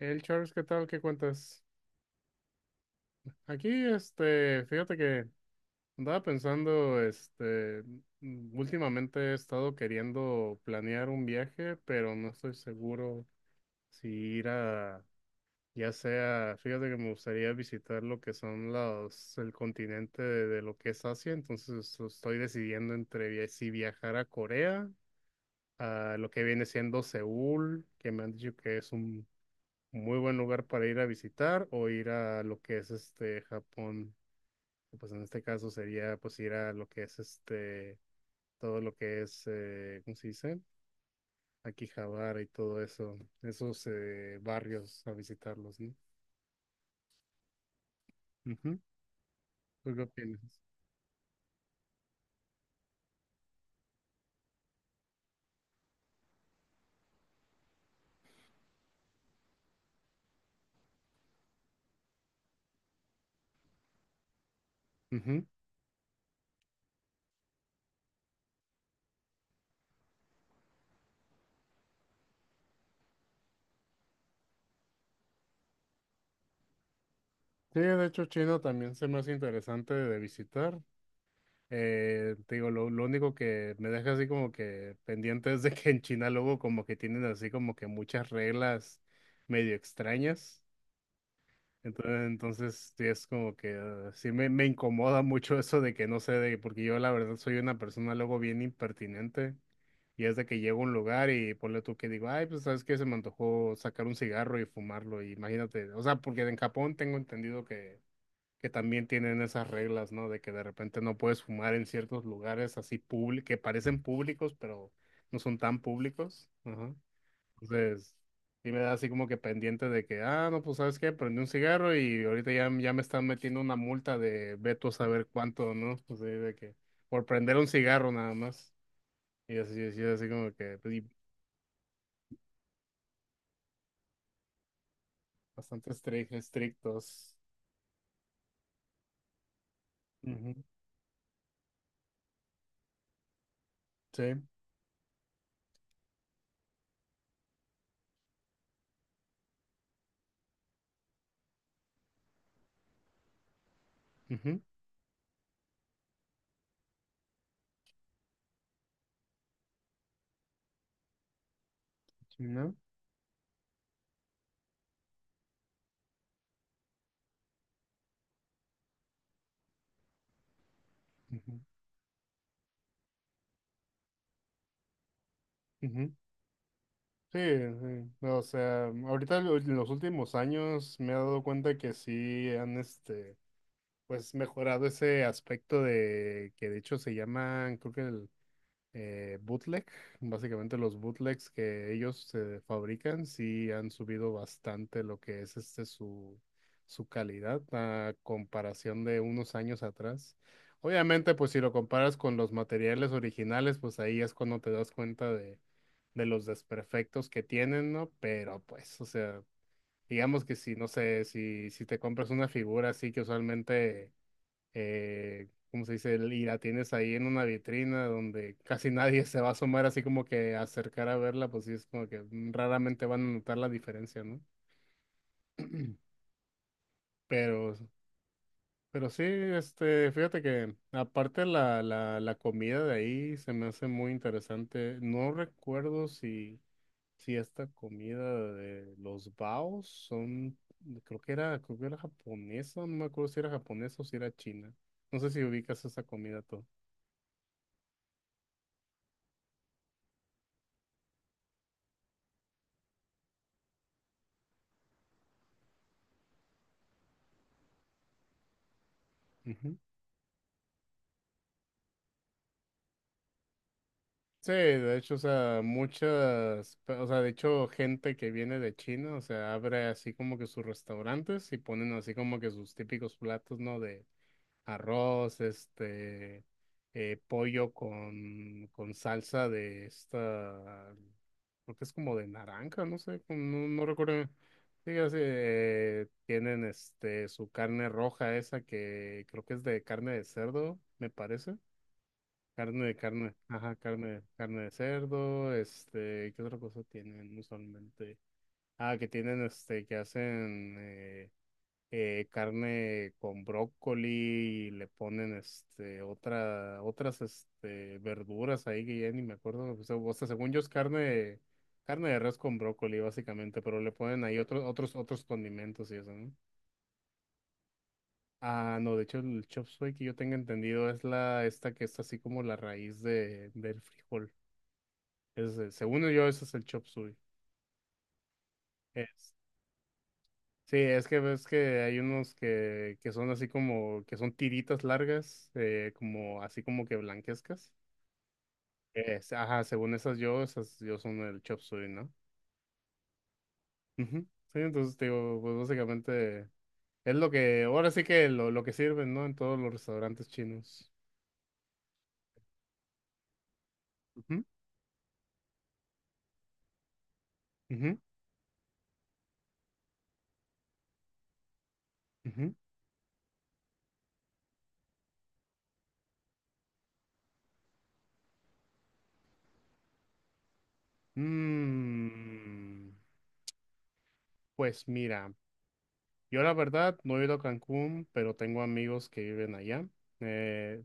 El Charles, ¿qué tal? ¿Qué cuentas? Aquí, este, fíjate que andaba pensando, este, últimamente he estado queriendo planear un viaje, pero no estoy seguro si ir a, ya sea, fíjate que me gustaría visitar lo que son los, el continente de lo que es Asia. Entonces estoy decidiendo entre si viajar a Corea, a lo que viene siendo Seúl, que me han dicho que es un muy buen lugar para ir a visitar, o ir a lo que es este Japón, que, pues en este caso sería pues ir a lo que es este todo lo que es ¿cómo se dice? Akihabara y todo eso, esos barrios a visitarlos, ¿no? Ujú. ¿Tú qué opinas? Ujú. Sí, de hecho China también se me hace interesante de visitar. Te digo, lo único que me deja así como que pendiente es de que en China luego como que tienen así como que muchas reglas medio extrañas. Entonces sí es como que sí me incomoda mucho eso de que, no sé, de, porque yo la verdad soy una persona luego bien impertinente, y es de que llego a un lugar y ponle tú que digo, ay, pues sabes que se me antojó sacar un cigarro y fumarlo, y imagínate, o sea, porque en Japón tengo entendido que también tienen esas reglas, ¿no? De que de repente no puedes fumar en ciertos lugares así públicos, que parecen públicos, pero no son tan públicos. Ajá. Entonces, sí me da así como que pendiente de que, ah, no, pues sabes qué, prendí un cigarro y ahorita ya me están metiendo una multa de ve tú a saber cuánto, ¿no? Pues sí, de que por prender un cigarro nada más. Y así, así, así como que pues, y bastante estrictos. Ujú, sí. Ujú, sí, ¿no? Ujú, ujú. Sí, sí. No, o sea, ahorita en los últimos años me he dado cuenta que sí han, este, pues mejorado ese aspecto, de que de hecho se llaman, creo que el, bootleg. Básicamente los bootlegs que ellos fabrican sí han subido bastante lo que es este su, su calidad a comparación de unos años atrás. Obviamente, pues si lo comparas con los materiales originales, pues ahí es cuando te das cuenta de los desperfectos que tienen, ¿no? Pero pues, o sea, digamos que, si, no sé, si te compras una figura así que usualmente ¿cómo se dice? Y la tienes ahí en una vitrina donde casi nadie se va a asomar así como que a acercar a verla, pues sí es como que raramente van a notar la diferencia, ¿no? Pero, pero sí, este, fíjate que aparte la comida de ahí se me hace muy interesante. No recuerdo si, esta comida de los baos son, creo que era japonesa, no me acuerdo si era japonesa o si era china. No sé si ubicas esa comida tú. Sí, de hecho, o sea, muchas, o sea, de hecho, gente que viene de China, o sea, abre así como que sus restaurantes y ponen así como que sus típicos platos, ¿no? De arroz, este, pollo con salsa de esta, creo que es como de naranja, no sé, como no, no recuerdo. Sí, así, tienen este, su carne roja esa que creo que es de carne de cerdo, me parece. Carne de carne, ajá, carne de cerdo, este, ¿qué otra cosa tienen usualmente? Ah, que tienen, este, que hacen carne con brócoli y le ponen, este, otras, este, verduras ahí que ya ni me acuerdo, o sea, según yo es carne de res con brócoli básicamente, pero le ponen ahí otros condimentos y eso, ¿no? Ah, no, de hecho el chop suey que yo tenga entendido es esta que es así como la raíz del frijol. Es, según yo, ese es el chop suey. Es- sí, es que ves que hay unos que son así como, que son tiritas largas, como así como que blanquescas. Ajá, según esas yo son el chop suey, ¿no? Ujú. Sí, entonces te digo, pues básicamente es lo que, ahora sí que lo que sirven, ¿no? En todos los restaurantes chinos. Ujú, ujú, ujú. Mm, pues mira, yo la verdad no he ido a Cancún, pero tengo amigos que viven allá. Eh,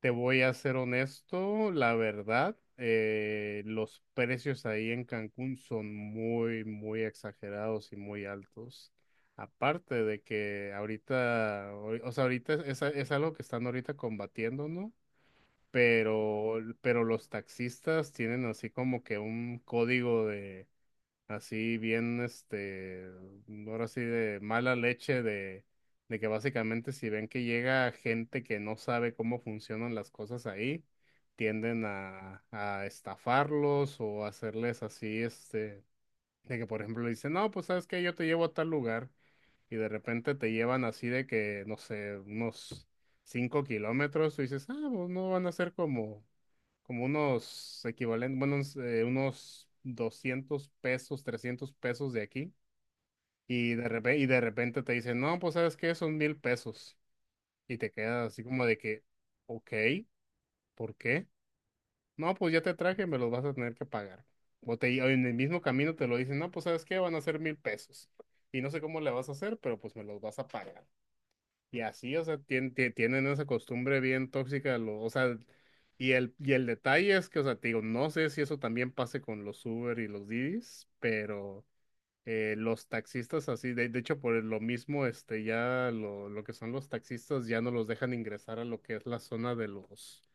Te voy a ser honesto, la verdad, los precios ahí en Cancún son muy, muy exagerados y muy altos. Aparte de que ahorita, o sea, ahorita es algo que están ahorita combatiendo, ¿no? Pero los taxistas tienen así como que un código de, así bien, este, ahora sí de mala leche de que básicamente, si ven que llega gente que no sabe cómo funcionan las cosas ahí, tienden a estafarlos, o hacerles así, este, de que por ejemplo le dicen, no, pues sabes que yo te llevo a tal lugar, y de repente te llevan así de que, no sé, unos 5 kilómetros, tú dices, ah, pues no van a ser como unos equivalentes, bueno, unos, unos 200 pesos, 300 pesos de aquí, y de repente te dicen, no, pues sabes qué, son 1000 pesos, y te quedas así como de que, ok, ¿por qué? No, pues ya te traje, me los vas a tener que pagar. O, te, o en el mismo camino te lo dicen, no, pues sabes qué, van a ser 1000 pesos, y no sé cómo le vas a hacer, pero pues me los vas a pagar. Y así, o sea, tienen esa costumbre bien tóxica, o sea, y el detalle es que, o sea, te digo, no sé si eso también pase con los Uber y los Didis, pero los taxistas así, de hecho, por lo mismo, este, ya lo que son los taxistas ya no los dejan ingresar a lo que es la zona de los,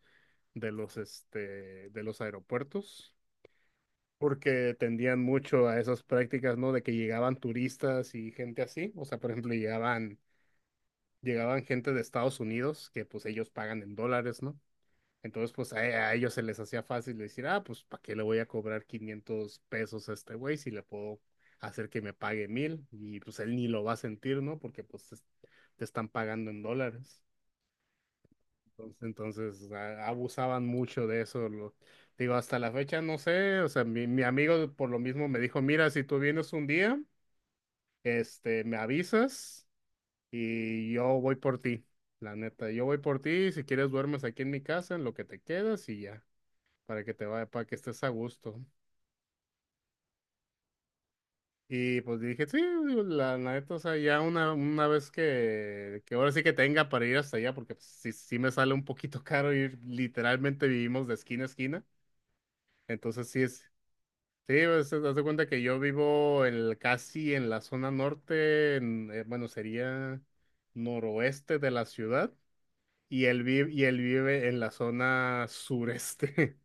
de los, este, de los aeropuertos, porque tendían mucho a esas prácticas, ¿no? De que llegaban turistas y gente así, o sea, por ejemplo, llegaban gente de Estados Unidos que pues ellos pagan en dólares, ¿no? Entonces pues a ellos se les hacía fácil decir, ah, pues, ¿para qué le voy a cobrar 500 pesos a este güey si le puedo hacer que me pague mil? Y pues él ni lo va a sentir, ¿no? Porque pues te están pagando en dólares. Entonces abusaban mucho de eso. Digo, hasta la fecha no sé, o sea, mi amigo por lo mismo me dijo, mira, si tú vienes un día, este, me avisas y yo voy por ti, la neta. Yo voy por ti. Si quieres, duermes aquí en mi casa, en lo que te quedas y ya, para que te vaya, para que estés a gusto. Y pues dije, sí, digo, la neta, o sea, ya una vez que ahora sí que tenga para ir hasta allá, porque pues, sí, sí me sale un poquito caro ir, literalmente vivimos de esquina a esquina. Entonces sí es, sí, pues, haz de cuenta que yo vivo en casi en la zona norte, bueno, sería noroeste de la ciudad. Y él vive en la zona sureste.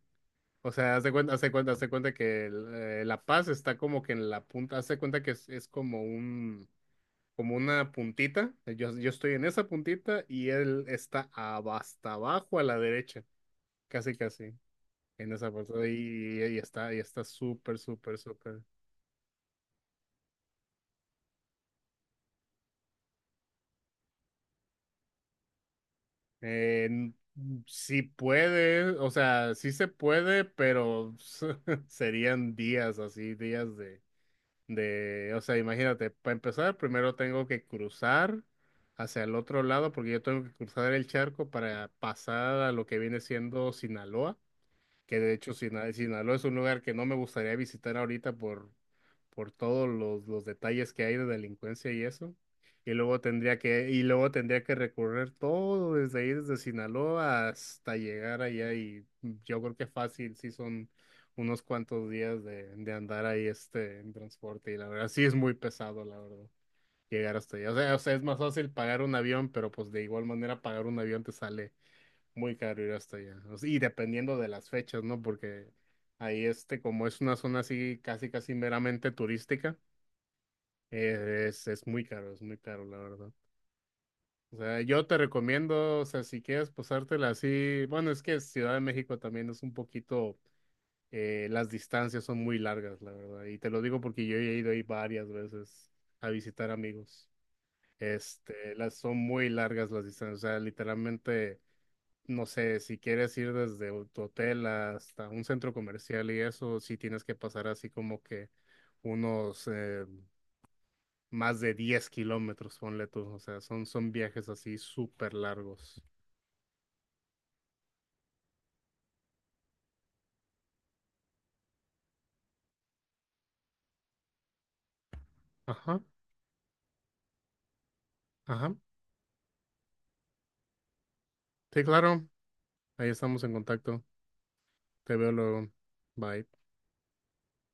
O sea, hace cuenta que La Paz está como que en la punta, hace cuenta que es como una puntita. Yo estoy en esa puntita y él está hasta abajo a la derecha, casi casi, en esa puntita. Y está súper, súper, súper. Eh, n- sí puede, o sea, sí se puede, pero serían días así, días de. De, o sea, imagínate, para empezar, primero tengo que cruzar hacia el otro lado, porque yo tengo que cruzar el charco para pasar a lo que viene siendo Sinaloa, que de hecho Sinaloa es un lugar que no me gustaría visitar ahorita por, todos los detalles que hay de delincuencia y eso. y luego tendría que recorrer todo desde ahí, desde Sinaloa hasta llegar allá. Y yo creo que fácil, sí son unos cuantos días de andar ahí este en transporte. Y la verdad, sí es muy pesado, la verdad, llegar hasta allá. O sea, es más fácil pagar un avión, pero pues de igual manera pagar un avión te sale muy caro ir hasta allá. O sea, y dependiendo de las fechas, ¿no? Porque ahí este, como es una zona así casi casi meramente turística, es muy caro, es muy caro, la verdad. O sea, yo te recomiendo, o sea, si quieres pasártela así, bueno, es que Ciudad de México también es un poquito, las distancias son muy largas, la verdad. Y te lo digo porque yo he ido ahí varias veces a visitar amigos. Este, las son muy largas las distancias, o sea, literalmente no sé, si quieres ir desde tu hotel hasta un centro comercial y eso, sí tienes que pasar así como que unos más de 10 kilómetros, ponle tú. O sea, son viajes así súper largos. Ajá, ajá. Sí, claro. Ahí estamos en contacto. Te veo luego. Bye.